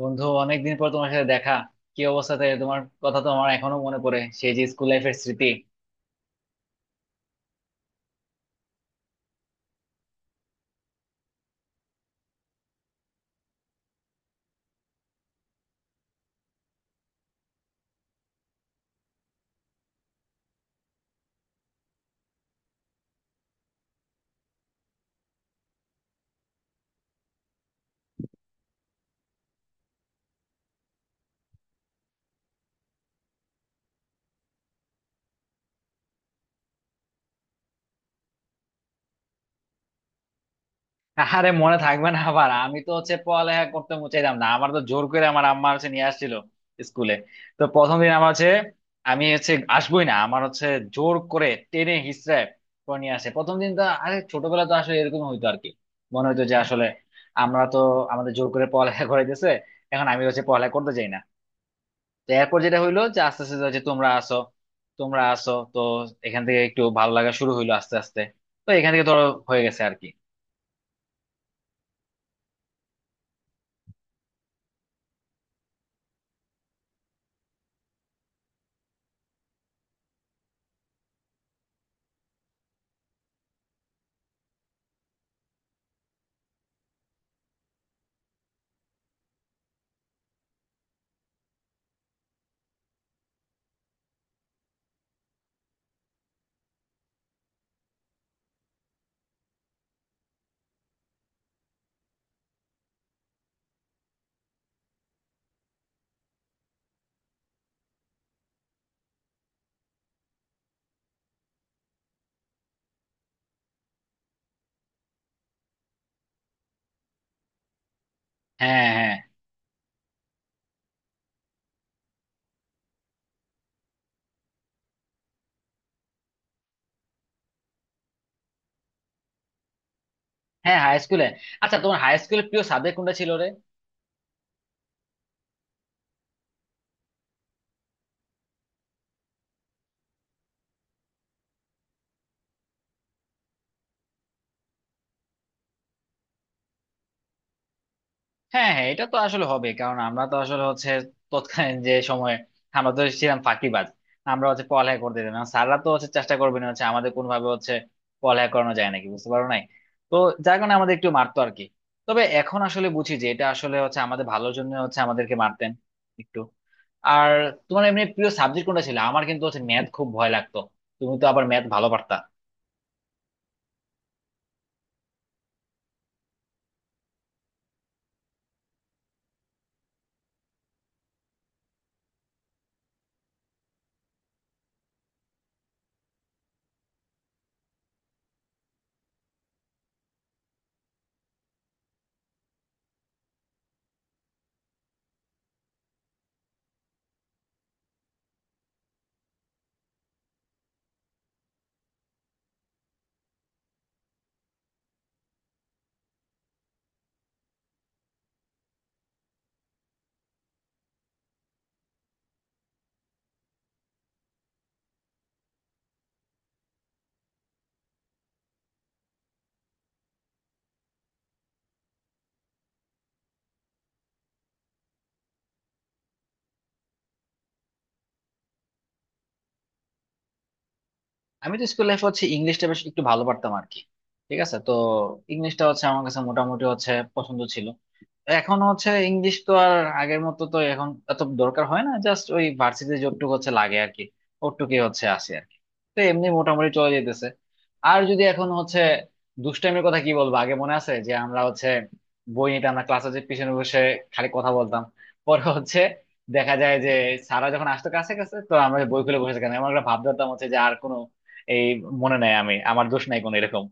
বন্ধু, অনেকদিন পর তোমার সাথে দেখা। কি অবস্থাতে? তোমার কথা তো আমার এখনো মনে পড়ে, সেই যে স্কুল লাইফের স্মৃতি। আরে মনে থাকবে না আবার! আমি তো পড়ালেখা করতে চাইতাম না, আমার তো জোর করে আমার আম্মা নিয়ে আসছিল স্কুলে। তো প্রথম দিন আমার আমি আসবোই না, আমার জোর করে টেনে হিচড়ে করে নিয়ে আসে প্রথম দিন। তো আরে, ছোটবেলা তো আসলে এরকম হইতো আর কি। মনে হইতো যে আসলে আমরা তো আমাদের জোর করে পড়ালেখা করাইতেছে, এখন আমি পড়ালেখা করতে চাই না। তো এরপর যেটা হইলো যে আস্তে আস্তে যে তোমরা আসো, তোমরা আসো তো এখান থেকে একটু ভালো লাগা শুরু হইলো আস্তে আস্তে। তো এখান থেকে ধরো হয়ে গেছে আর কি। হ্যাঁ হ্যাঁ হ্যাঁ হাই স্কুলে। আচ্ছা, তোমার হাই স্কুলের প্রিয় সাবজেক্ট কোনটা ছিল রে? হ্যাঁ হ্যাঁ, এটা তো আসলে হবে। কারণ আমরা তো আসলে তৎকালীন যে সময়ে আমরা তো ছিলাম ফাঁকিবাজ। আমরা পড়ালেখা করতে দিতাম না, স্যাররা তো চেষ্টা করবে না আমাদের কোন ভাবে পড়ালেখা করানো যায় নাকি, বুঝতে পারো নাই। তো যার কারণে আমাদের একটু মারতো আর কি। তবে এখন আসলে বুঝি যে এটা আসলে আমাদের ভালোর জন্য আমাদেরকে মারতেন একটু। আর তোমার এমনি প্রিয় সাবজেক্ট কোনটা ছিল? আমার কিন্তু ম্যাথ খুব ভয় লাগতো, তুমি তো আবার ম্যাথ ভালো পারতা। আমি তো স্কুল লাইফে ইংলিশটা বেশ একটু ভালো পারতাম আর কি। ঠিক আছে। তো ইংলিশটা আমার কাছে মোটামুটি পছন্দ ছিল। এখন ইংলিশ তো আর আগের মতো তো এখন এত দরকার হয় না, জাস্ট ওই ভার্সিটি যতটুকু লাগে আর কি। ওটুকুই আসে আর কি। তো এমনি মোটামুটি চলে যেতেছে। আর যদি এখন দুষ্টাইমের কথা কি বলবো, আগে মনে আছে যে আমরা বই নিতে আমরা ক্লাসে যে পিছনে বসে খালি কথা বলতাম। পরে দেখা যায় যে সারা যখন আসতো কাছে কাছে, তো আমরা বই খুলে বসে থাকতাম, এমন একটা ভাব ধরতাম যে আর কোনো এই মনে নাই, আমি আমার দোষ নাই কোনো, এরকম।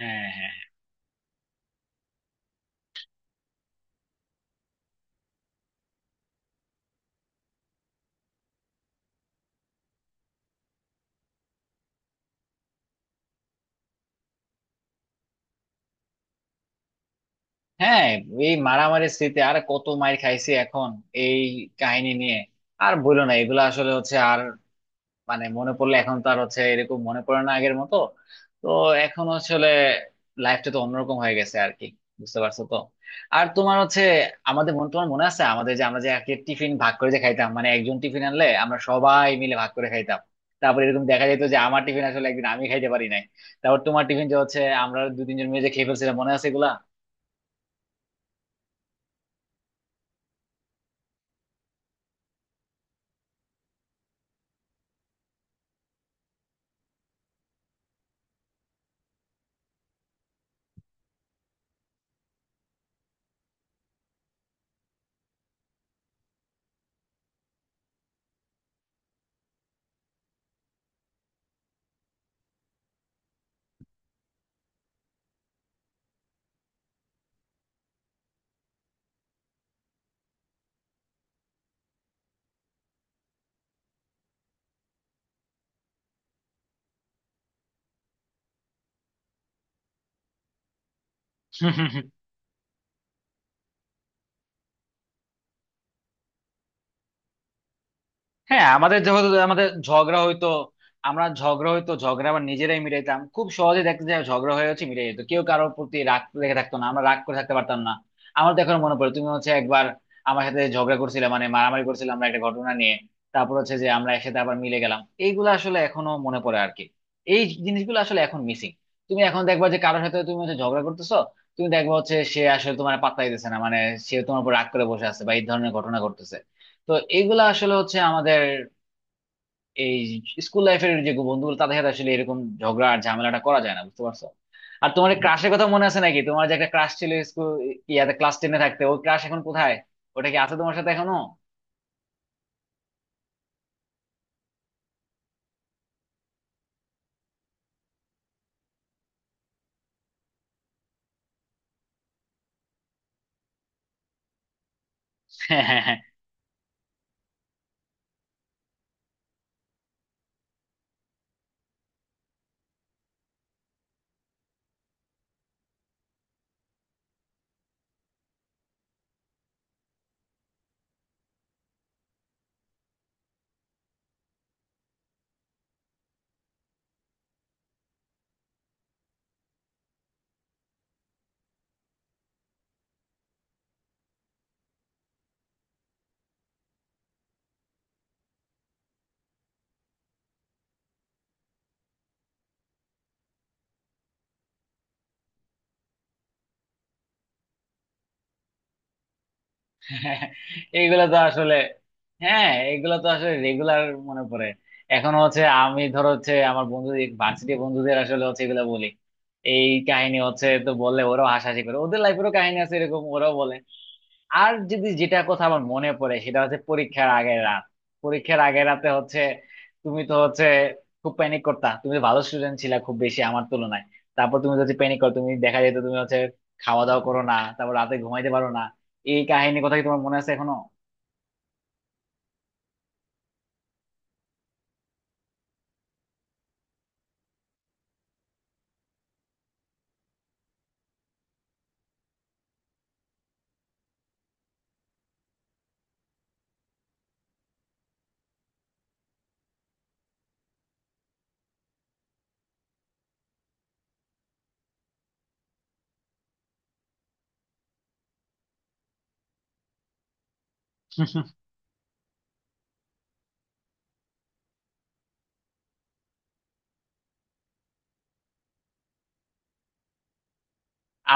হ্যাঁ হ্যাঁ হ্যাঁ, এই মারামারি স্মৃতি, আর কত মার খাইছি এখন এই কাহিনী নিয়ে। আর বলো না, এগুলো আসলে আর মানে মনে পড়লে এখন তো আর এরকম মনে পড়ে না আগের মতো। তো এখন আসলে লাইফটা তো অন্যরকম হয়ে গেছে আর কি, বুঝতে পারছো তো? আর তোমার আমাদের মনে, তোমার মনে আছে আমাদের যে আমরা যে আগে টিফিন ভাগ করে যে খাইতাম, মানে একজন টিফিন আনলে আমরা সবাই মিলে ভাগ করে খাইতাম। তারপর এরকম দেখা যেত যে আমার টিফিন আসলে একদিন আমি খাইতে পারি নাই, তারপর তোমার টিফিন যে আমরা দু তিনজন মিলে যে খেয়ে ফেলছিলাম। মনে আছে এগুলা? হ্যাঁ, আমাদের যেহেতু আমাদের ঝগড়া হইতো, আমরা ঝগড়া হইতো ঝগড়া আবার নিজেরাই মিটাইতাম খুব সহজে। দেখতে যায় ঝগড়া হয়ে মিটাই যেত, কেউ কারোর প্রতি রাগ দেখে থাকতো না, আমরা রাগ করে থাকতে পারতাম না। আমার তো এখন মনে পড়ে তুমি একবার আমার সাথে ঝগড়া করছিলে, মানে মারামারি করছিলাম আমরা একটা ঘটনা নিয়ে। তারপর যে আমরা একসাথে আবার মিলে গেলাম, এইগুলো আসলে এখনো মনে পড়ে আর কি। এই জিনিসগুলো আসলে এখন মিসিং। তুমি এখন দেখবা যে কারোর সাথে তুমি ঝগড়া করতেছো, তুমি দেখবা সে আসলে তোমার পাত্তাই দিতেছে না, মানে সে তোমার উপর রাগ করে বসে আছে, বা এই ধরনের ঘটনা ঘটতেছে। তো এগুলা আসলে আমাদের এই স্কুল লাইফের যে বন্ধুগুলো তাদের সাথে আসলে এরকম ঝগড়া আর ঝামেলাটা করা যায় না, বুঝতে পারছো? আর তোমার ক্রাশের কথা মনে আছে নাকি? তোমার যে একটা ক্রাশ ছিল স্কুল ইয়াতে, ক্লাস টেনে থাকতে, ওই ক্রাশ এখন কোথায়? ওটা কি আছে তোমার সাথে এখনো? এইগুলা তো আসলে হ্যাঁ, এগুলা তো আসলে রেগুলার মনে পড়ে। এখন আমি ধর আমার বন্ধুদের, ভার্সিটি বন্ধুদের আসলে এগুলা বলি, এই কাহিনী তো বললে ওরাও হাসাহাসি করে, ওদের লাইফেরও কাহিনী আছে এরকম, ওরাও বলে। আর যদি যেটা কথা আমার মনে পড়ে সেটা হচ্ছে পরীক্ষার আগের রাত। পরীক্ষার আগের রাতে তুমি তো খুব প্যানিক করতা, তুমি তো ভালো স্টুডেন্ট ছিলা খুব বেশি আমার তুলনায়। তারপর তুমি যদি প্যানিক করো, তুমি দেখা যেত তুমি খাওয়া দাওয়া করো না, তারপর রাতে ঘুমাইতে পারো না। এই কাহিনী কথা কি তোমার মনে আছে এখনো?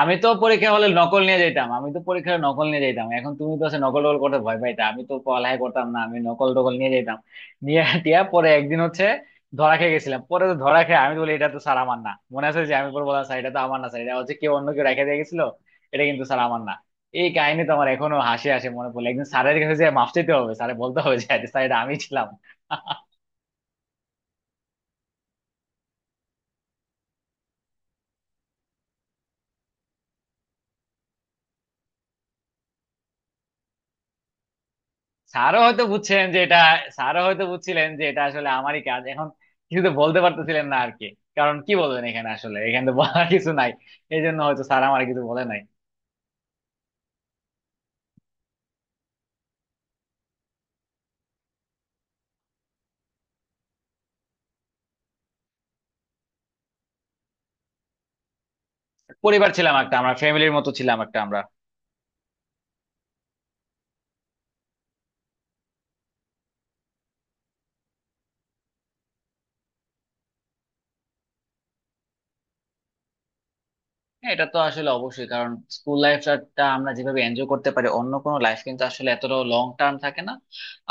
আমি তো পরীক্ষা হলে নকল নিয়ে যেতাম, আমি তো পরীক্ষা হলে নকল নিয়ে যেতাম। এখন তুমি তো সে নকল টকল করতে ভয় পাইতা, আমি তো পড়ালেখা করতাম না, আমি নকল টকল নিয়ে যেতাম। নিয়ে টিয়া পরে একদিন ধরা খেয়ে গেছিলাম। পরে তো ধরা খেয়ে আমি তো বলি এটা তো স্যার আমার না, মনে আছে যে আমি পরে বললাম স্যার এটা তো আমার না, স্যার এটা কেউ অন্য কেউ রেখে দিয়ে গেছিল, এটা কিন্তু স্যার আমার না। এই কাহিনী তো আমার এখনো হাসি হাসি মনে পড়লে, একদিন স্যারের কাছে যে মাফ চাইতে হবে, স্যার বলতে হবে যে স্যার এটা আমি ছিলাম। স্যারও হয়তো বুঝছেন যে এটা, স্যারও হয়তো বুঝছিলেন যে এটা আসলে আমারই কাজ। এখন কিছু তো বলতে পারতেছিলেন না আর কি, কারণ কি বলবেন, এখানে আসলে এখানে তো বলার কিছু নাই। এই জন্য হয়তো স্যার আমার কিছু বলে নাই। পরিবার ছিলাম একটা আমরা, ফ্যামিলির মতো ছিলাম একটা আমরা। হ্যাঁ, এটা তো আসলে অবশ্যই, কারণ স্কুল লাইফটা আমরা যেভাবে এনজয় করতে পারি অন্য কোনো লাইফ কিন্তু আসলে এতটাও লং টার্ম থাকে না,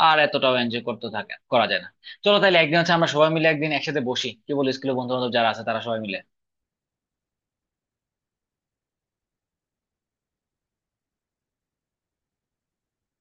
আর এতটাও এনজয় করতে থাকে করা যায় না। চলো তাহলে একদিন আমরা সবাই মিলে একদিন একসাথে বসি, কি বলি? স্কুলের বন্ধু বান্ধব যারা আছে তারা সবাই মিলে।